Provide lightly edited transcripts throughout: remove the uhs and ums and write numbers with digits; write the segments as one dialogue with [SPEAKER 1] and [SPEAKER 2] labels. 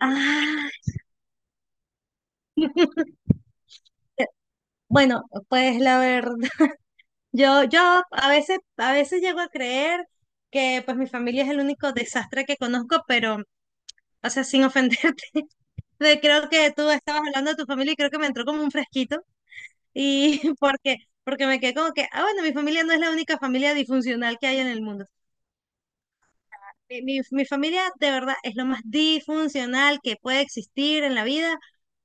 [SPEAKER 1] Ah, eh, bueno, pues la verdad, yo a veces, a veces, llego a creer que pues mi familia es el único desastre que conozco, pero, o sea, sin ofenderte, creo que tú estabas hablando de tu familia y creo que me entró como un fresquito y porque me quedé como que, ah, bueno, mi familia no es la única familia disfuncional que hay en el mundo. Mi familia de verdad es lo más disfuncional que puede existir en la vida.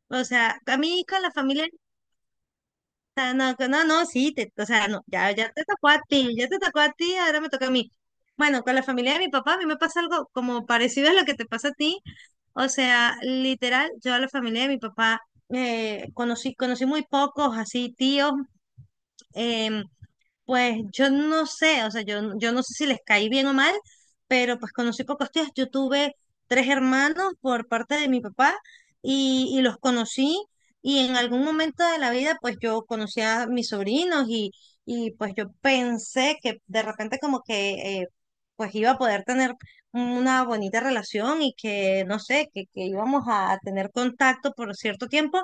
[SPEAKER 1] O sea, a mí con la familia sea, no, no, no, sí, te, o sea, no, ya, ya te tocó a ti, ya te tocó a ti, ahora me toca a mí. Bueno, con la familia de mi papá, a mí me pasa algo como parecido a lo que te pasa a ti. O sea, literal, yo a la familia de mi papá conocí muy pocos, así, tíos. em, pues yo no sé, o sea, yo, yo no sé si les caí bien o mal, pero pues conocí pocos tíos. Yo tuve tres hermanos por parte de mi papá y los conocí y en algún momento de la vida pues yo conocí a mis sobrinos y pues yo pensé que de repente como que pues iba a poder tener una bonita relación y que no sé, que íbamos a tener contacto por cierto tiempo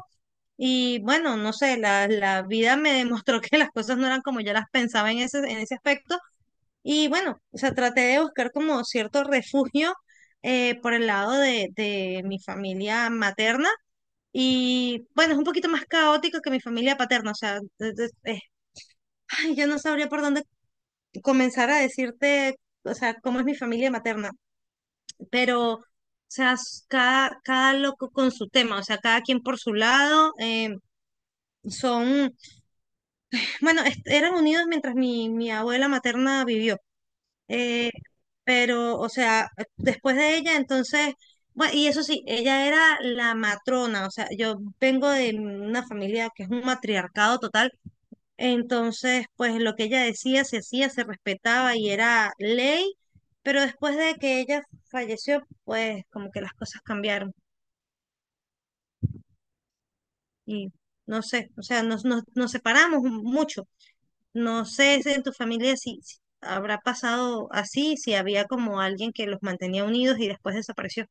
[SPEAKER 1] y bueno, no sé, la vida me demostró que las cosas no eran como yo las pensaba en ese aspecto. Y bueno, o sea, traté de buscar como cierto refugio por el lado de mi familia materna. Y bueno, es un poquito más caótico que mi familia paterna. O sea, ay, yo no sabría por dónde comenzar a decirte, o sea, cómo es mi familia materna. Pero, o sea, cada, cada loco con su tema, o sea, cada quien por su lado. Son Bueno, eran unidos mientras mi abuela materna vivió. Eh, pero, o sea, después de ella, entonces, bueno, y eso sí, ella era la matrona, o sea, yo vengo de una familia que es un matriarcado total, entonces, pues lo que ella decía se hacía, se respetaba y era ley, pero después de que ella falleció, pues como que las cosas cambiaron y no sé, o sea, nos separamos mucho. No sé si en tu familia si, si habrá pasado así, si había como alguien que los mantenía unidos y después desapareció.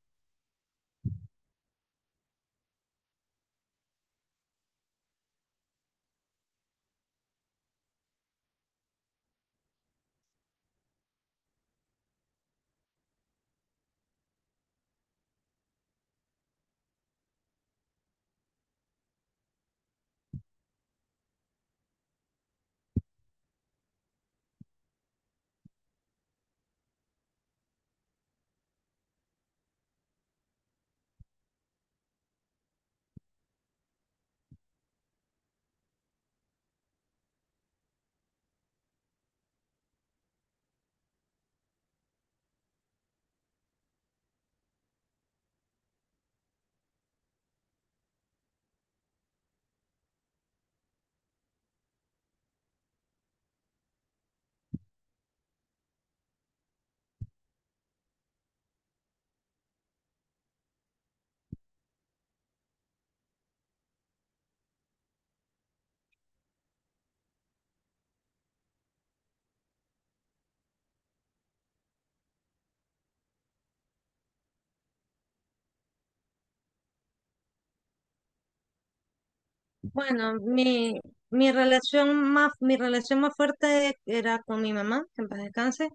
[SPEAKER 1] Bueno, mi relación más fuerte era con mi mamá, que en paz descanse.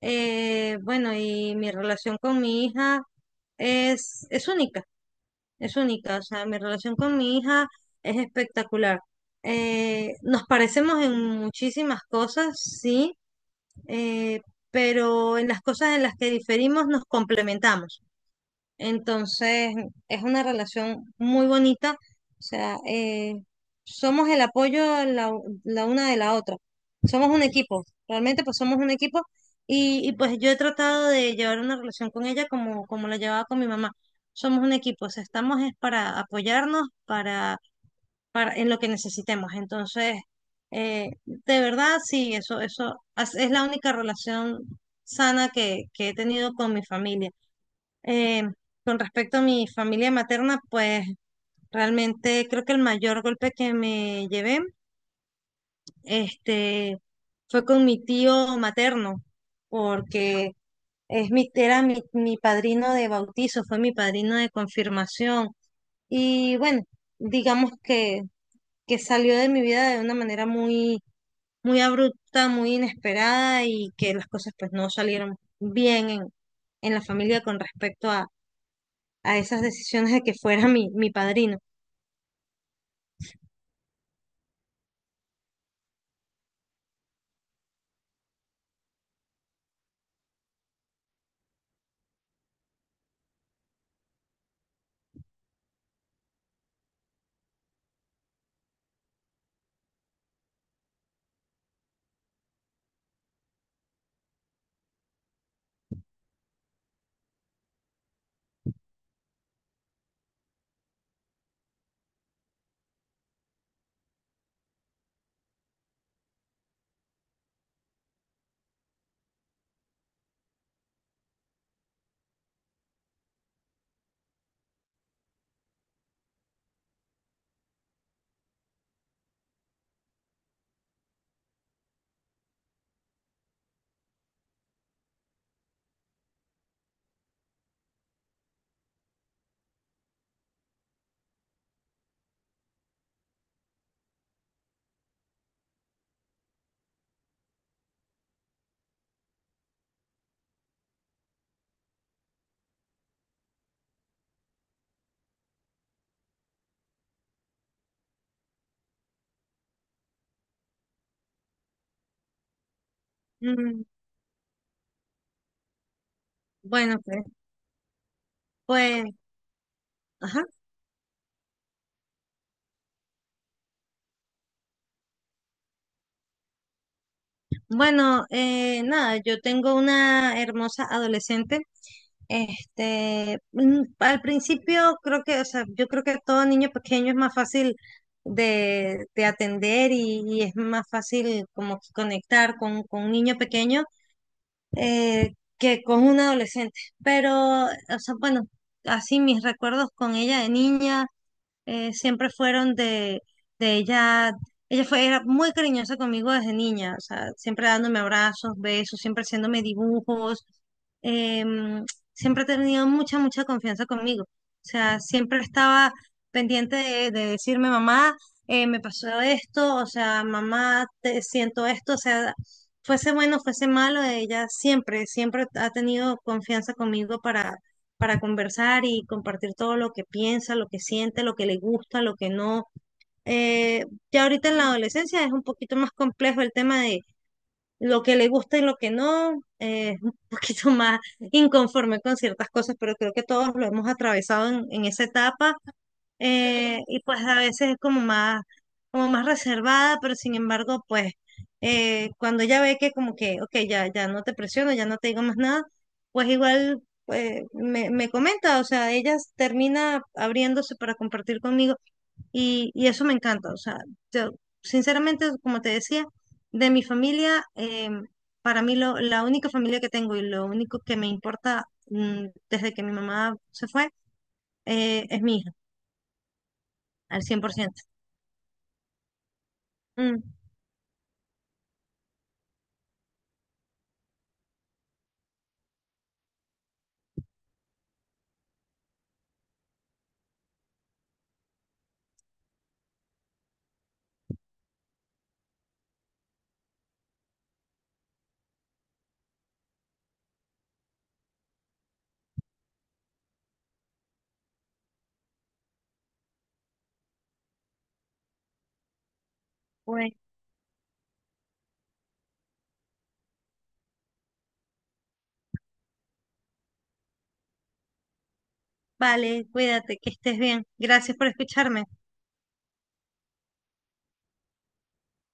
[SPEAKER 1] Bueno, y mi relación con mi hija es única, es única. O sea, mi relación con mi hija es espectacular. Nos parecemos en muchísimas cosas, sí, eh, pero en las cosas en las que diferimos nos complementamos. Entonces, es una relación muy bonita, o sea, somos el apoyo la una de la otra, somos un equipo, realmente pues somos un equipo pues yo he tratado de llevar una relación con ella como, como la llevaba con mi mamá. Somos un equipo, o sea, estamos es para apoyarnos, para, en lo que necesitemos. Entonces, de verdad, sí, es la única relación sana que he tenido con mi familia. Eh, con respecto a mi familia materna, pues realmente creo que el mayor golpe que me llevé, este, fue con mi tío materno, porque mi padrino de bautizo, fue mi padrino de confirmación. Y bueno, digamos que salió de mi vida de una manera muy, muy abrupta, muy inesperada y que las cosas pues no salieron bien en la familia con respecto a esas decisiones de que fuera mi padrino. Mm, bueno, pues, pues, ajá. Bueno, nada, yo tengo una hermosa adolescente. Al principio creo que, o sea, yo creo que a todo niño pequeño es más fácil de atender y es más fácil como que conectar con un niño pequeño, que con un adolescente. Pero, o sea, bueno, así mis recuerdos con ella de niña siempre fueron de ella. Ella fue, era muy cariñosa conmigo desde niña, o sea, siempre dándome abrazos, besos, siempre haciéndome dibujos. em, Siempre ha tenido mucha, mucha confianza conmigo. O sea, siempre estaba pendiente de decirme, mamá, me pasó esto, o sea, mamá, te siento esto, o sea, fuese bueno, fuese malo, ella siempre, siempre ha tenido confianza conmigo para conversar y compartir todo lo que piensa, lo que siente, lo que le gusta, lo que no. Eh, ya ahorita en la adolescencia es un poquito más complejo el tema de lo que le gusta y lo que no, es un poquito más inconforme con ciertas cosas, pero creo que todos lo hemos atravesado en esa etapa, y pues a veces es como más reservada, pero sin embargo, pues cuando ella ve que como que, ok, ya, ya no te presiono, ya no te digo más nada, pues igual, me, me comenta, o sea, ella termina abriéndose para compartir conmigo y eso me encanta, o sea, yo sinceramente, como te decía, de mi familia, para mí la única familia que tengo y lo único que me importa, desde que mi mamá se fue, es mi hija, al cien por ciento. Mm, bueno, vale, cuídate, que estés bien. Gracias por escucharme.